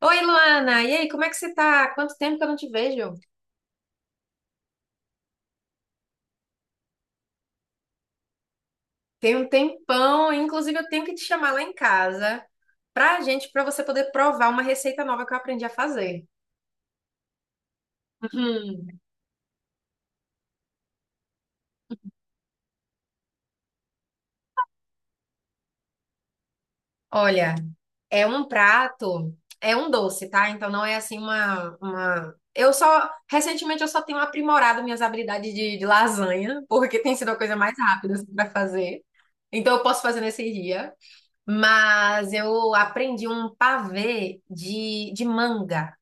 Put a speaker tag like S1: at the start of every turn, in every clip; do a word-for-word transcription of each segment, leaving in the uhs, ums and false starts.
S1: Oi, Luana! E aí, como é que você tá? Quanto tempo que eu não te vejo? Tem um tempão, inclusive eu tenho que te chamar lá em casa pra gente, pra você poder provar uma receita nova que eu aprendi a fazer. Uhum. Olha, é um prato, é um doce, tá? Então não é assim. Uma, uma... Eu só, recentemente eu só tenho aprimorado minhas habilidades de, de lasanha, porque tem sido a coisa mais rápida assim pra fazer. Então eu posso fazer nesse dia. Mas eu aprendi um pavê de, de manga.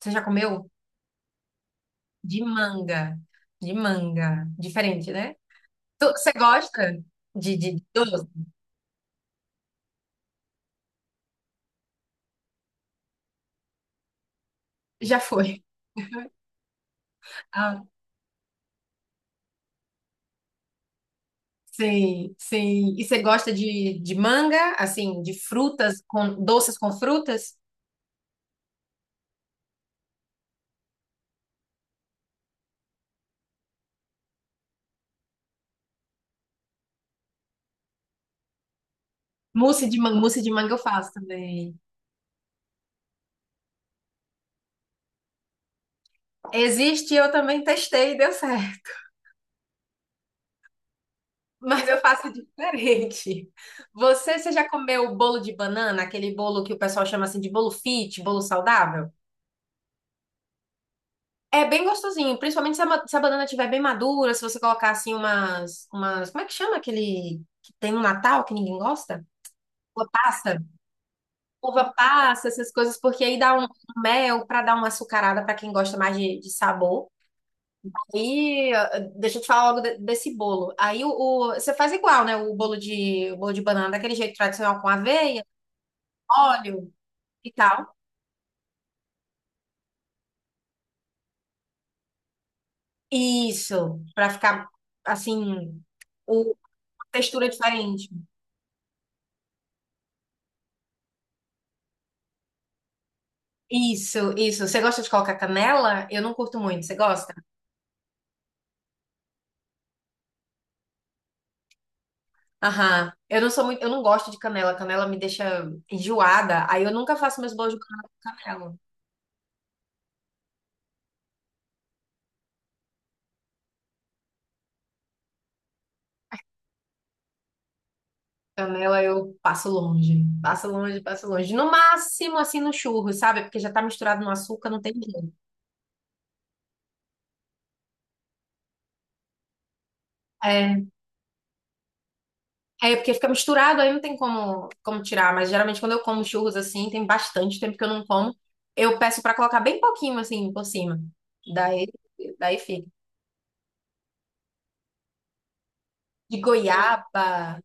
S1: Você já comeu? De manga. De manga. Diferente, né? Tu- Você gosta de, de de doce? Já foi. Ah, sim, sim. E você gosta de, de manga, assim, de frutas, com doces com frutas? Mousse de manga, mousse de manga eu faço também. Existe, eu também testei, e deu certo. Mas eu faço diferente. Você, você já comeu o bolo de banana, aquele bolo que o pessoal chama assim de bolo fit, bolo saudável? É bem gostosinho, principalmente se a, ma- se a banana estiver bem madura, se você colocar assim, umas, umas, como é que chama aquele que tem no Natal que ninguém gosta? Uva passa, uva passa, essas coisas, porque aí dá um um mel para dar uma açucarada para quem gosta mais de, de sabor. Aí, eh, deixa eu te falar logo de- desse bolo. Aí o, o- você faz igual, né? O bolo de o bolo de banana daquele jeito tradicional com aveia, óleo e tal. Isso, para ficar assim, o- uma textura diferente. Isso, isso. Você gosta de colocar canela? Eu não curto muito. Você gosta? Aham. Eu não sou muito, eu não gosto de canela. Canela me deixa enjoada. Aí eu nunca faço meus bolos de canela com canela. Canela eu passo longe, passo longe, passo longe. No máximo assim no churro, sabe? Porque já tá misturado no açúcar, não tem jeito. É, é porque fica misturado, aí não tem como, como tirar. Mas geralmente quando eu como churros assim, tem bastante tempo que eu não como, eu peço pra colocar bem pouquinho assim por cima. Daí, daí fica. De goiaba.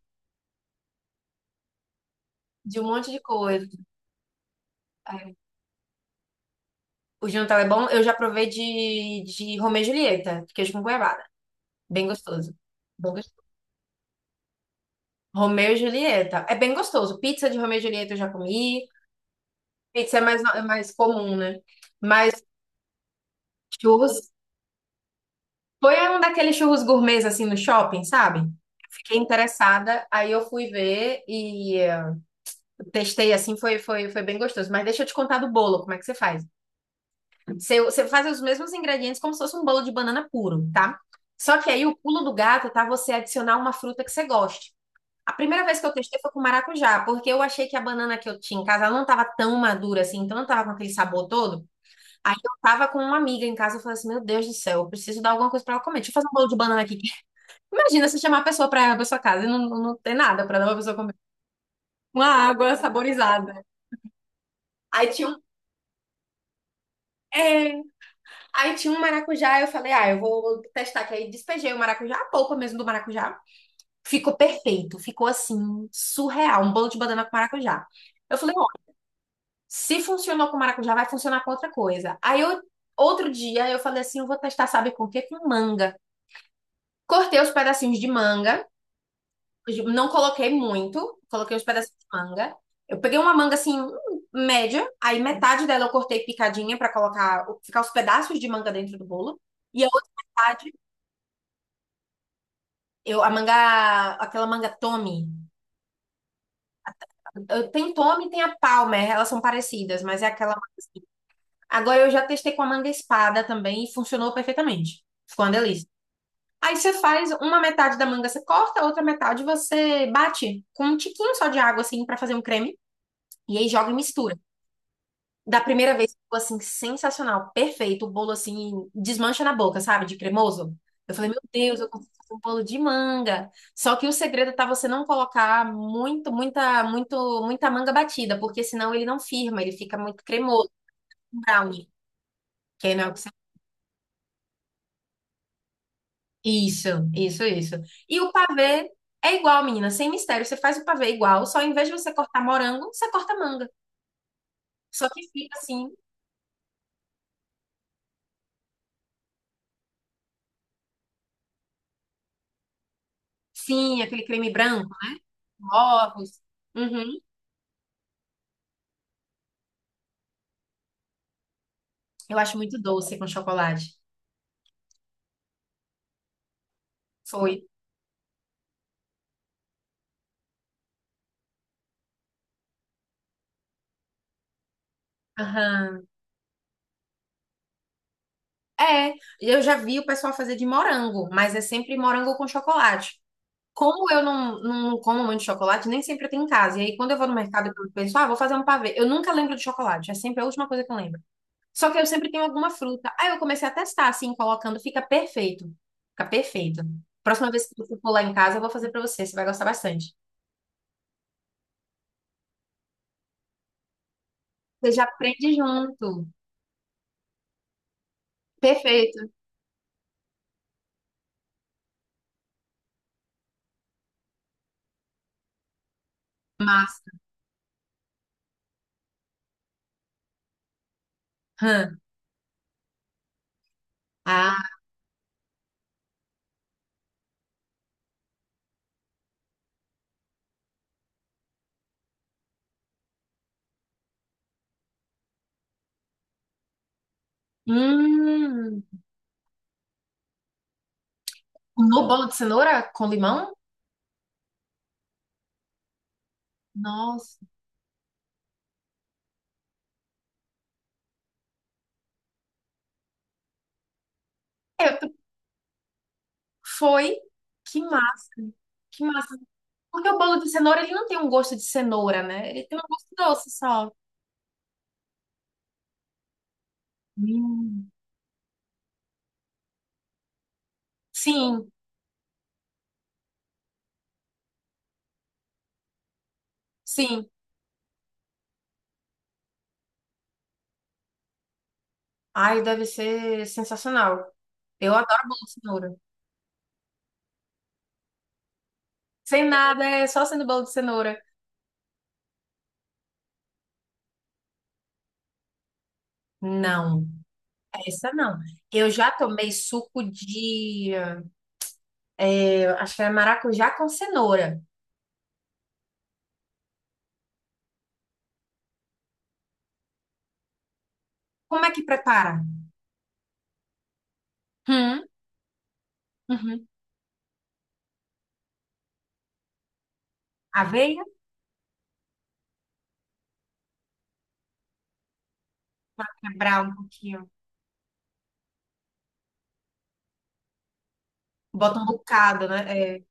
S1: De um monte de coisa. Aí, o jantar é bom. Eu já provei de, de Romeu e Julieta, de queijo com goiabada. Bem gostoso. Bem gostoso. Romeu e Julieta. É bem gostoso. Pizza de Romeu e Julieta eu já comi. Pizza é mais, é mais comum, né? Mas churros. Foi um daqueles churros gourmets assim no shopping, sabe? Fiquei interessada, aí eu fui ver e eh, testei assim, foi, foi, foi bem gostoso. Mas deixa eu te contar do bolo, como é que você faz? Você, você faz os mesmos ingredientes como se fosse um bolo de banana puro, tá? Só que aí o pulo do gato tá você adicionar uma fruta que você goste. A primeira vez que eu testei foi com maracujá, porque eu achei que a banana que eu tinha em casa ela não tava tão madura assim, então não tava com aquele sabor todo. Aí eu tava com uma amiga em casa, eu falei assim: Meu Deus do céu, eu preciso dar alguma coisa pra ela comer. Deixa eu fazer um bolo de banana aqui. Imagina você chamar a pessoa pra, pra sua casa e não, não ter nada pra dar pra pessoa comer. Uma água saborizada. Aí tinha um. É. Aí tinha um maracujá, eu falei, ah, eu vou testar, que aí despejei o maracujá, a polpa mesmo do maracujá. Ficou perfeito, ficou assim, surreal, um bolo de banana com maracujá. Eu falei, ó, se funcionou com maracujá, vai funcionar com outra coisa. Aí eu, outro dia eu falei assim, eu vou testar, sabe com o quê? Com manga. Cortei os pedacinhos de manga, não coloquei muito, coloquei os pedacinhos de manga. Eu peguei uma manga assim, hum, média, aí metade dela eu cortei picadinha pra colocar, ficar os pedaços de manga dentro do bolo. E a outra metade, eu, a manga, aquela manga Tommy. Eu- Tem Tommy e tem a Palmer, elas são parecidas, mas é aquela. Agora eu já testei com a manga espada também e funcionou perfeitamente. Ficou uma delícia. Aí você faz uma metade da manga, você corta, a outra metade você bate com um tiquinho só de água assim pra fazer um creme e aí joga e mistura. Da primeira vez ficou assim, sensacional, perfeito. O bolo assim, desmancha na boca, sabe? De cremoso. Eu falei, meu Deus, eu consigo fazer um bolo de manga. Só que o segredo tá você não colocar muito, muita, muito, muita manga batida, porque senão ele não firma, ele fica muito cremoso, um brownie. Que aí não é o que você. Isso, isso, isso. E o pavê é igual, menina, sem mistério. Você faz o pavê igual, só em vez de você cortar morango, você corta manga. Só que fica assim, sim, aquele creme branco, ovos. Uhum. Eu acho muito doce com chocolate. Foi. Aham. É, eu já vi o pessoal fazer de morango, mas é sempre morango com chocolate. Como eu não, não como muito chocolate, nem sempre tem em casa. E aí, quando eu vou no mercado, eu penso, ah, vou fazer um pavê. Eu nunca lembro de chocolate, é sempre a última coisa que eu lembro. Só que eu sempre tenho alguma fruta. Aí eu comecei a testar, assim, colocando, fica perfeito. Fica perfeito. Próxima vez que você for lá em casa, eu vou fazer pra você, você vai gostar bastante. Você já aprende junto. Perfeito. Massa. Hã. Ah, hum. No bolo de cenoura com limão? Nossa. É, tu- foi. Que massa. Que massa. Porque o bolo de cenoura, ele não tem um gosto de cenoura, né? Ele tem um gosto doce só. Hum. Sim, sim. Ai, deve ser sensacional. Eu adoro bolo de cenoura. Sem nada, é só sendo bolo de cenoura. Não, essa não. Eu já tomei suco de, eu acho que era maracujá com cenoura. Como é que prepara? Hum, uhum. Aveia, quebrar um pouquinho. Bota um bocado, né? É.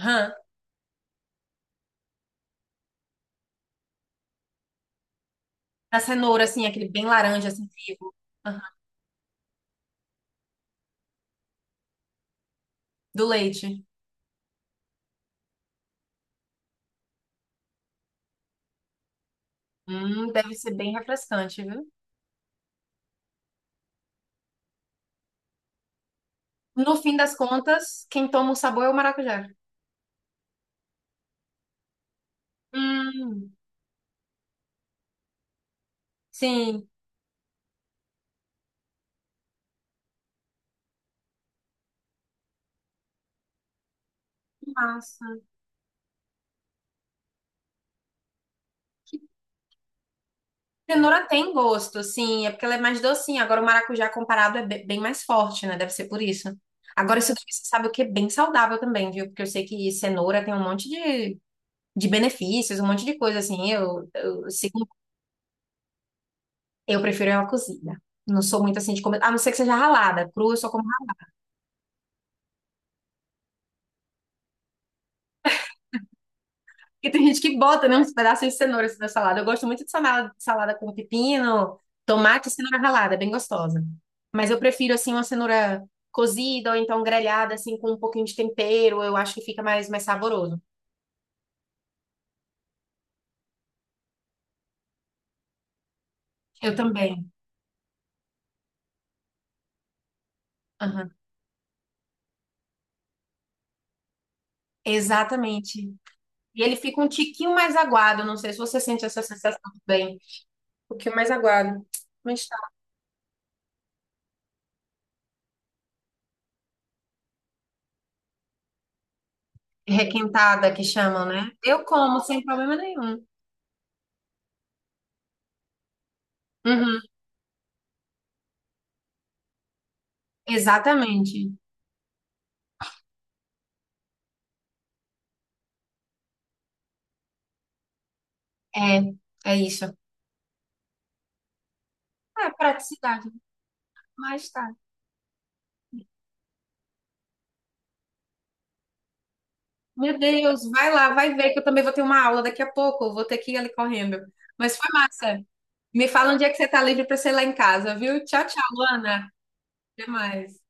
S1: Aham. Da cenoura, assim, aquele bem laranja, assim, vivo. Aham. Do leite. Hum, deve ser bem refrescante, viu? No fim das contas, quem toma o sabor é o maracujá. Hum, sim. Massa. Cenoura tem gosto, sim. É porque ela é mais docinha. Agora, o maracujá comparado é be- bem mais forte, né? Deve ser por isso. Agora, isso daqui você sabe o que é bem saudável também, viu? Porque eu sei que cenoura tem um monte de, de benefícios, um monte de coisa, assim. Eu, eu, sigo Eu prefiro ela cozida. Não sou muito assim de comer. A não ser que seja ralada. Crua, eu só como ralada. Porque tem gente que bota, né, uns pedaços de cenoura assim, na salada. Eu gosto muito de salada, salada com pepino, tomate e cenoura ralada. É bem gostosa. Mas eu prefiro, assim, uma cenoura cozida ou então grelhada, assim, com um pouquinho de tempero. Eu acho que fica mais, mais saboroso. Eu também. Aham. Exatamente. E ele fica um tiquinho mais aguado. Não sei se você sente essa sensação também. Um pouquinho mais aguado. Mas tá. Requentada, que chamam, né? Eu como sem problema nenhum. Uhum, exatamente. É, é isso. É praticidade, mas tá. Meu Deus, vai lá, vai ver que eu também vou ter uma aula daqui a pouco. Eu vou ter que ir ali correndo. Mas foi massa. Me fala onde é que você tá livre para ser lá em casa, viu? Tchau, tchau, Luana. Até mais.